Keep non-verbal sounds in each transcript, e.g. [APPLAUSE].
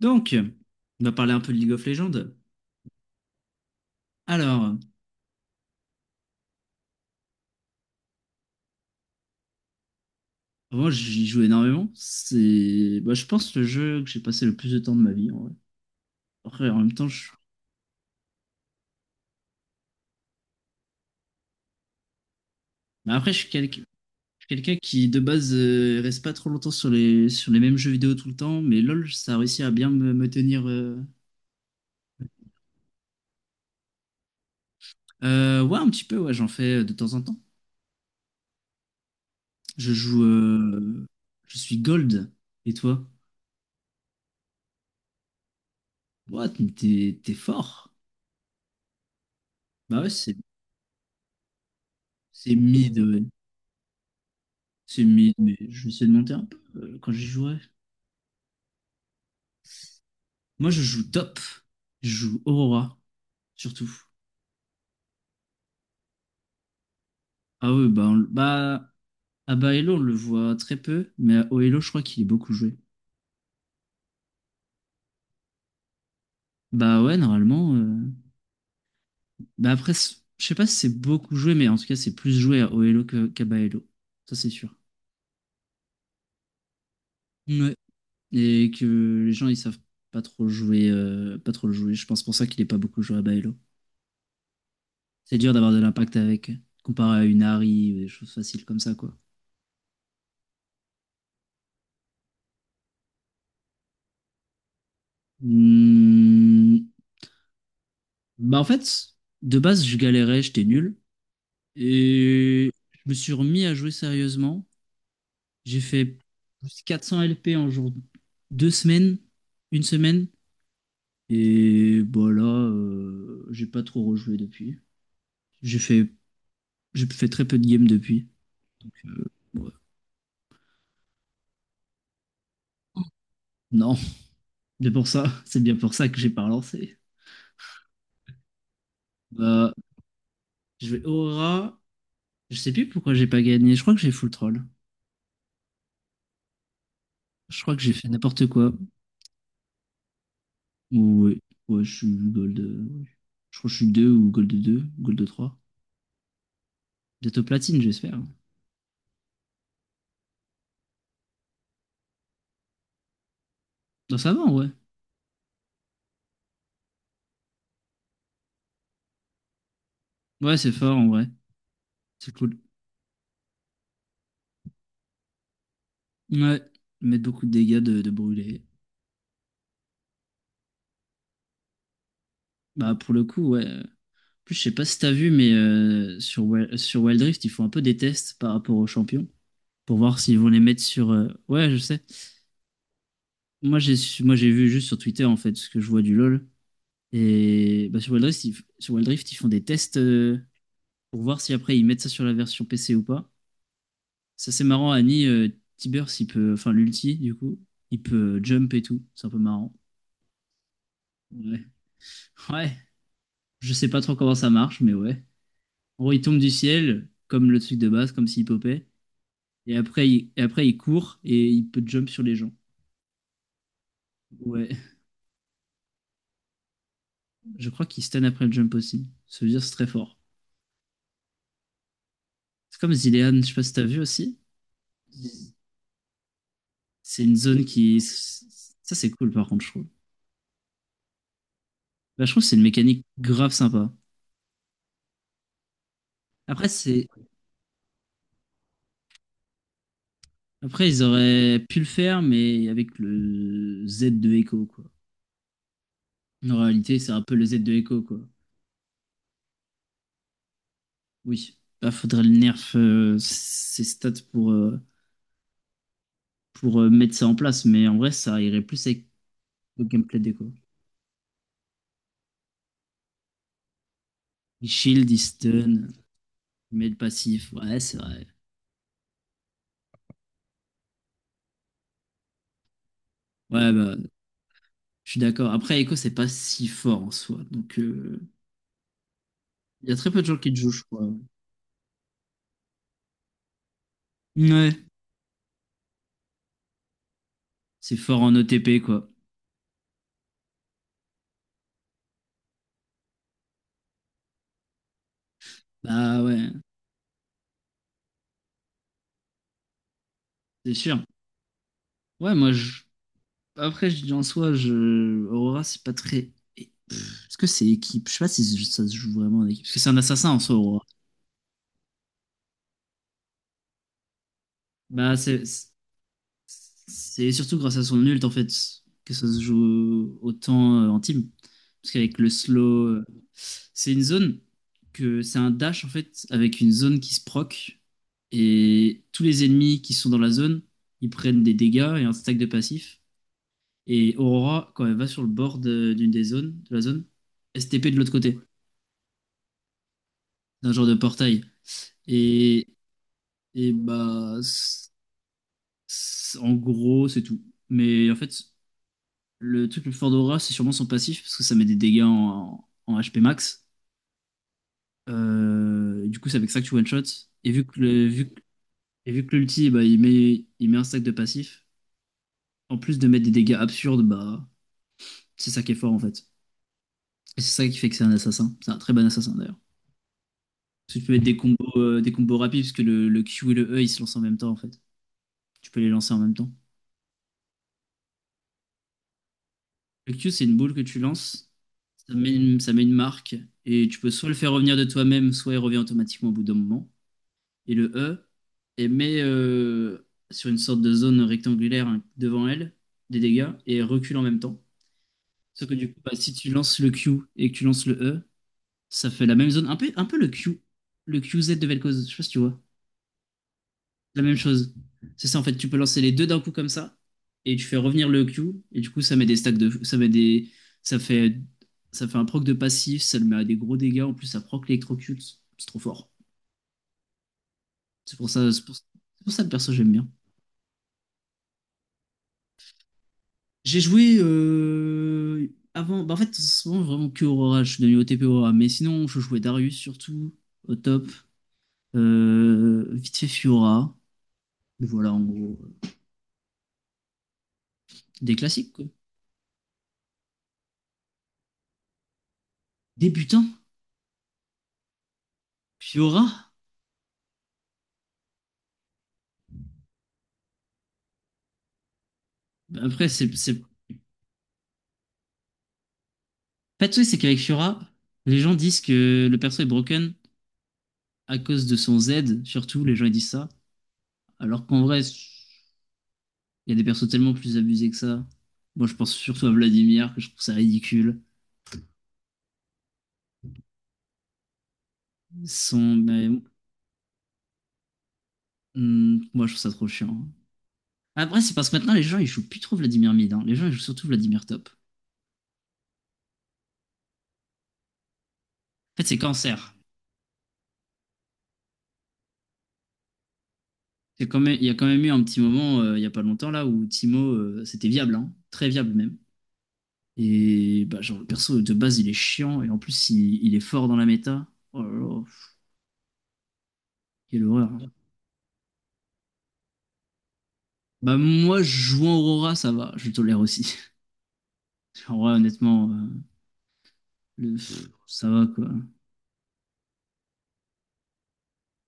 Donc, on va parler un peu de League of Legends. Alors, moi j'y joue énormément. C'est, bah, je pense, le jeu que j'ai passé le plus de temps de ma vie. En vrai. Après, en même temps, bah, après, je suis quelqu'un qui, de base, reste pas trop longtemps sur les mêmes jeux vidéo tout le temps. Mais LoL, ça a réussi à bien me tenir. Ouais, un petit peu, ouais, j'en fais de temps en temps. Je joue. Je suis gold. Et toi? What? Mais t'es fort. Bah ouais, c'est mid. Ouais. Mais je vais essayer de monter un peu quand j'y jouerai. Moi, je joue top. Je joue Aurora, surtout. Ah ouais, bah, bah à Baello, on le voit très peu, mais à Oelo, je crois qu'il est beaucoup joué. Bah ouais, normalement. Bah après, je sais pas si c'est beaucoup joué, mais en tout cas, c'est plus joué à Oelo qu'à Baello. Ça, c'est sûr. Ouais. Et que les gens, ils savent pas trop le jouer. Je pense pour ça qu'il est pas beaucoup joué à Baello. C'est dur d'avoir de l'impact avec, comparé à une Harry ou des choses faciles comme ça, quoi. Hmm, Bah en fait, de base, je galérais, j'étais nul. Et je me suis remis à jouer sérieusement. J'ai fait plus 400 LP en jour, 2 semaines, 1 semaine. Et voilà, j'ai pas trop rejoué depuis. J'ai fait, j'ai fait très peu de games depuis. Euh, ouais. Non, c'est bien pour ça que j'ai pas relancé. Bah, je vais Aurora. Je sais plus pourquoi j'ai pas gagné. Je crois que j'ai full troll. Je crois que j'ai fait n'importe quoi. Ouais, ouais, je suis gold. Ouais. Je crois que je suis 2 ou gold 2, gold 3. Peut-être platine, j'espère. Non, ça va en vrai. Ouais, c'est fort en vrai. C'est cool. Ouais, mettre beaucoup de dégâts de brûler. Bah, pour le coup, ouais. En plus, je sais pas si t'as vu, mais sur Wild Rift, ils font un peu des tests par rapport aux champions pour voir s'ils vont les mettre sur. Ouais, je sais. Moi, j'ai vu juste sur Twitter en fait ce que je vois du LoL. Et bah, sur Wild Rift, ils font des tests pour voir si après ils mettent ça sur la version PC ou pas. Ça, c'est marrant, Annie, Tibers, il peut. Enfin, l'ulti, du coup, il peut jump et tout. C'est un peu marrant. Ouais. Ouais. Je sais pas trop comment ça marche, mais ouais. En gros, il tombe du ciel, comme le truc de base, comme s'il popait. Et après, il court et il peut jump sur les gens. Ouais. Je crois qu'il stun après le jump aussi. Ça veut dire que c'est très fort. C'est comme Zilean, je sais pas si t'as vu aussi. C'est une zone qui. Ça, c'est cool, par contre, je trouve. Bah, je trouve que c'est une mécanique grave sympa. Après, c'est Après, ils auraient pu le faire, mais avec le Z de Echo, quoi. En réalité, c'est un peu le Z de Echo, quoi. Oui. Bah, faudrait le nerf ses stats pour mettre ça en place, mais en vrai, ça irait plus avec le gameplay d'Echo. Il shield, il stun, il met le passif. Ouais, c'est vrai. Ouais, bah, je suis d'accord. Après, Echo, c'est pas si fort en soi. Donc, il y a très peu de gens qui le jouent, je crois. Ouais. C'est fort en OTP, quoi. Bah, ouais, c'est sûr. Ouais, moi, je Après, je dis en soi, Aurora, c'est pas très. Est-ce que c'est équipe? Je sais pas si ça se joue vraiment en équipe. Parce que c'est un assassin en soi, Aurora. Bah, c'est surtout grâce à son ult, en fait, que ça se joue autant en team. Parce qu'avec le slow, c'est une zone que c'est un dash, en fait, avec une zone qui se proc. Et tous les ennemis qui sont dans la zone, ils prennent des dégâts et un stack de passif. Et Aurora, quand elle va sur le bord d'une des zones, de la zone, STP de l'autre côté. Un genre de portail. Et, et bah, en gros, c'est tout. Mais en fait, le truc le plus fort d'Aura, c'est sûrement son passif, parce que ça met des dégâts en HP max. Et du coup, c'est avec ça que tu one-shot. Et vu que le, vu, que- et vu que l'ulti, bah, il met un stack de passif, en plus de mettre des dégâts absurdes, bah, c'est ça qui est fort en fait. Et c'est ça qui fait que c'est un assassin. C'est un très bon assassin d'ailleurs. Parce que tu peux mettre des combos rapides, parce que le Q et le E, ils se lancent en même temps en fait. Tu peux les lancer en même temps. Le Q, c'est une boule que tu lances, ça met une marque, et tu peux soit le faire revenir de toi-même, soit il revient automatiquement au bout d'un moment. Et le E, elle met sur une sorte de zone rectangulaire hein, devant elle des dégâts et elle recule en même temps. Sauf que du coup, bah, si tu lances le Q et que tu lances le E, ça fait la même zone, un peu le Q, le QZ de Vel'Koz, je sais pas si tu vois la même chose. C'est ça, en fait, tu peux lancer les deux d'un coup comme ça, et tu fais revenir le Q, et du coup, ça met des stacks de. Ça met des. Ça fait. Ça fait un proc de passif, ça le met à des gros dégâts, en plus ça proc l'électrocute. C'est trop fort. C'est pour ça le perso j'aime bien. J'ai joué avant. Bah, en fait, souvent vraiment que Aurora, je suis devenu OTP Aurora, mais sinon je jouais Darius surtout, au top. Vite fait Fiora. Voilà en gros. Des classiques quoi. Débutants. Fiora. Après, c'est pas de souci, c'est qu'avec Fiora, les gens disent que le perso est broken à cause de son Z, surtout, les gens ils disent ça. Alors qu'en vrai, il y a des persos tellement plus abusés que ça. Moi, je pense surtout à Vladimir, que je trouve ça ridicule. Son. Mais, moi, je trouve ça trop chiant. Après, c'est parce que maintenant, les gens, ils jouent plus trop Vladimir mid. Hein. Les gens, ils jouent surtout Vladimir top. En fait, c'est cancer. Il y a quand même eu un petit moment, il y a pas longtemps, là, où Timo, c'était viable, hein. Très viable même. Et bah, genre, le perso de base, il est chiant, et en plus, il est fort dans la méta. Oh là là, quelle horreur. Hein. Bah, moi, jouant Aurora, ça va, je tolère aussi. [LAUGHS] En vrai, honnêtement, ça va quoi.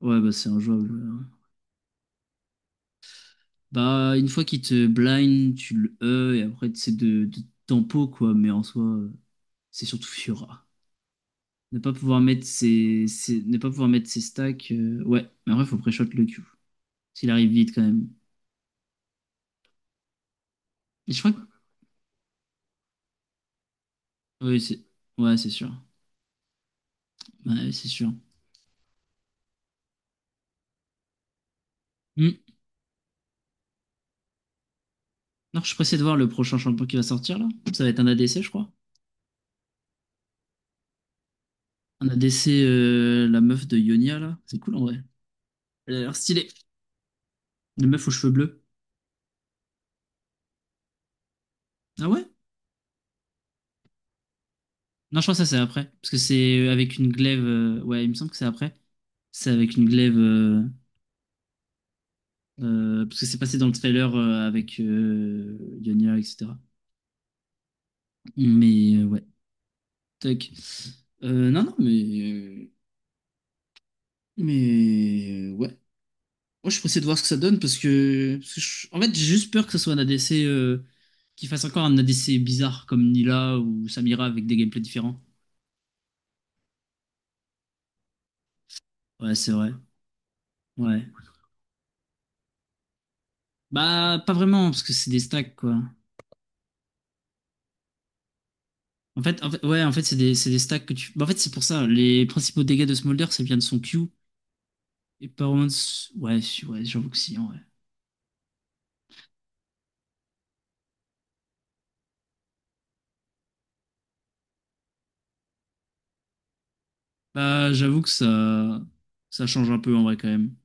Ouais, bah, c'est injouable. Ouais. Bah, une fois qu'il te blind, tu le E, et après, c'est de tempo quoi, mais en soi, c'est surtout Fiora. Ne pas pouvoir mettre ses stacks, ouais, mais en vrai, faut pré-shot le Q. S'il arrive vite quand même. Et je crois que. Oui, c'est. Ouais, c'est sûr. Ouais, c'est sûr. Hmm. Non, je suis pressé de voir le prochain champion qui va sortir là. Ça va être un ADC, je crois. Un ADC, la meuf de Ionia là. C'est cool en vrai. Elle a l'air stylée. La meuf aux cheveux bleus. Ah ouais? Non, je crois que ça c'est après. Parce que c'est avec une glaive. Ouais, il me semble que c'est après. C'est avec une glaive. Parce que c'est passé dans le trailer avec Ionia, etc. Mais ouais. Toc. Non, non, mais. Mais. Ouais. Moi, je suis pressé de voir ce que ça donne parce que en fait, j'ai juste peur que ce soit un ADC qui fasse encore un ADC bizarre comme Nila ou Samira avec des gameplays différents. Ouais, c'est vrai. Ouais. Bah, pas vraiment parce que c'est des stacks quoi. En fait, ouais, en fait, c'est des stacks que tu. Bah, en fait, c'est pour ça. Les principaux dégâts de Smolder, c'est bien de son Q. Et par contre, ouais, ouais, j'avoue que si, en vrai. Bah, j'avoue que ça change un peu en vrai quand même.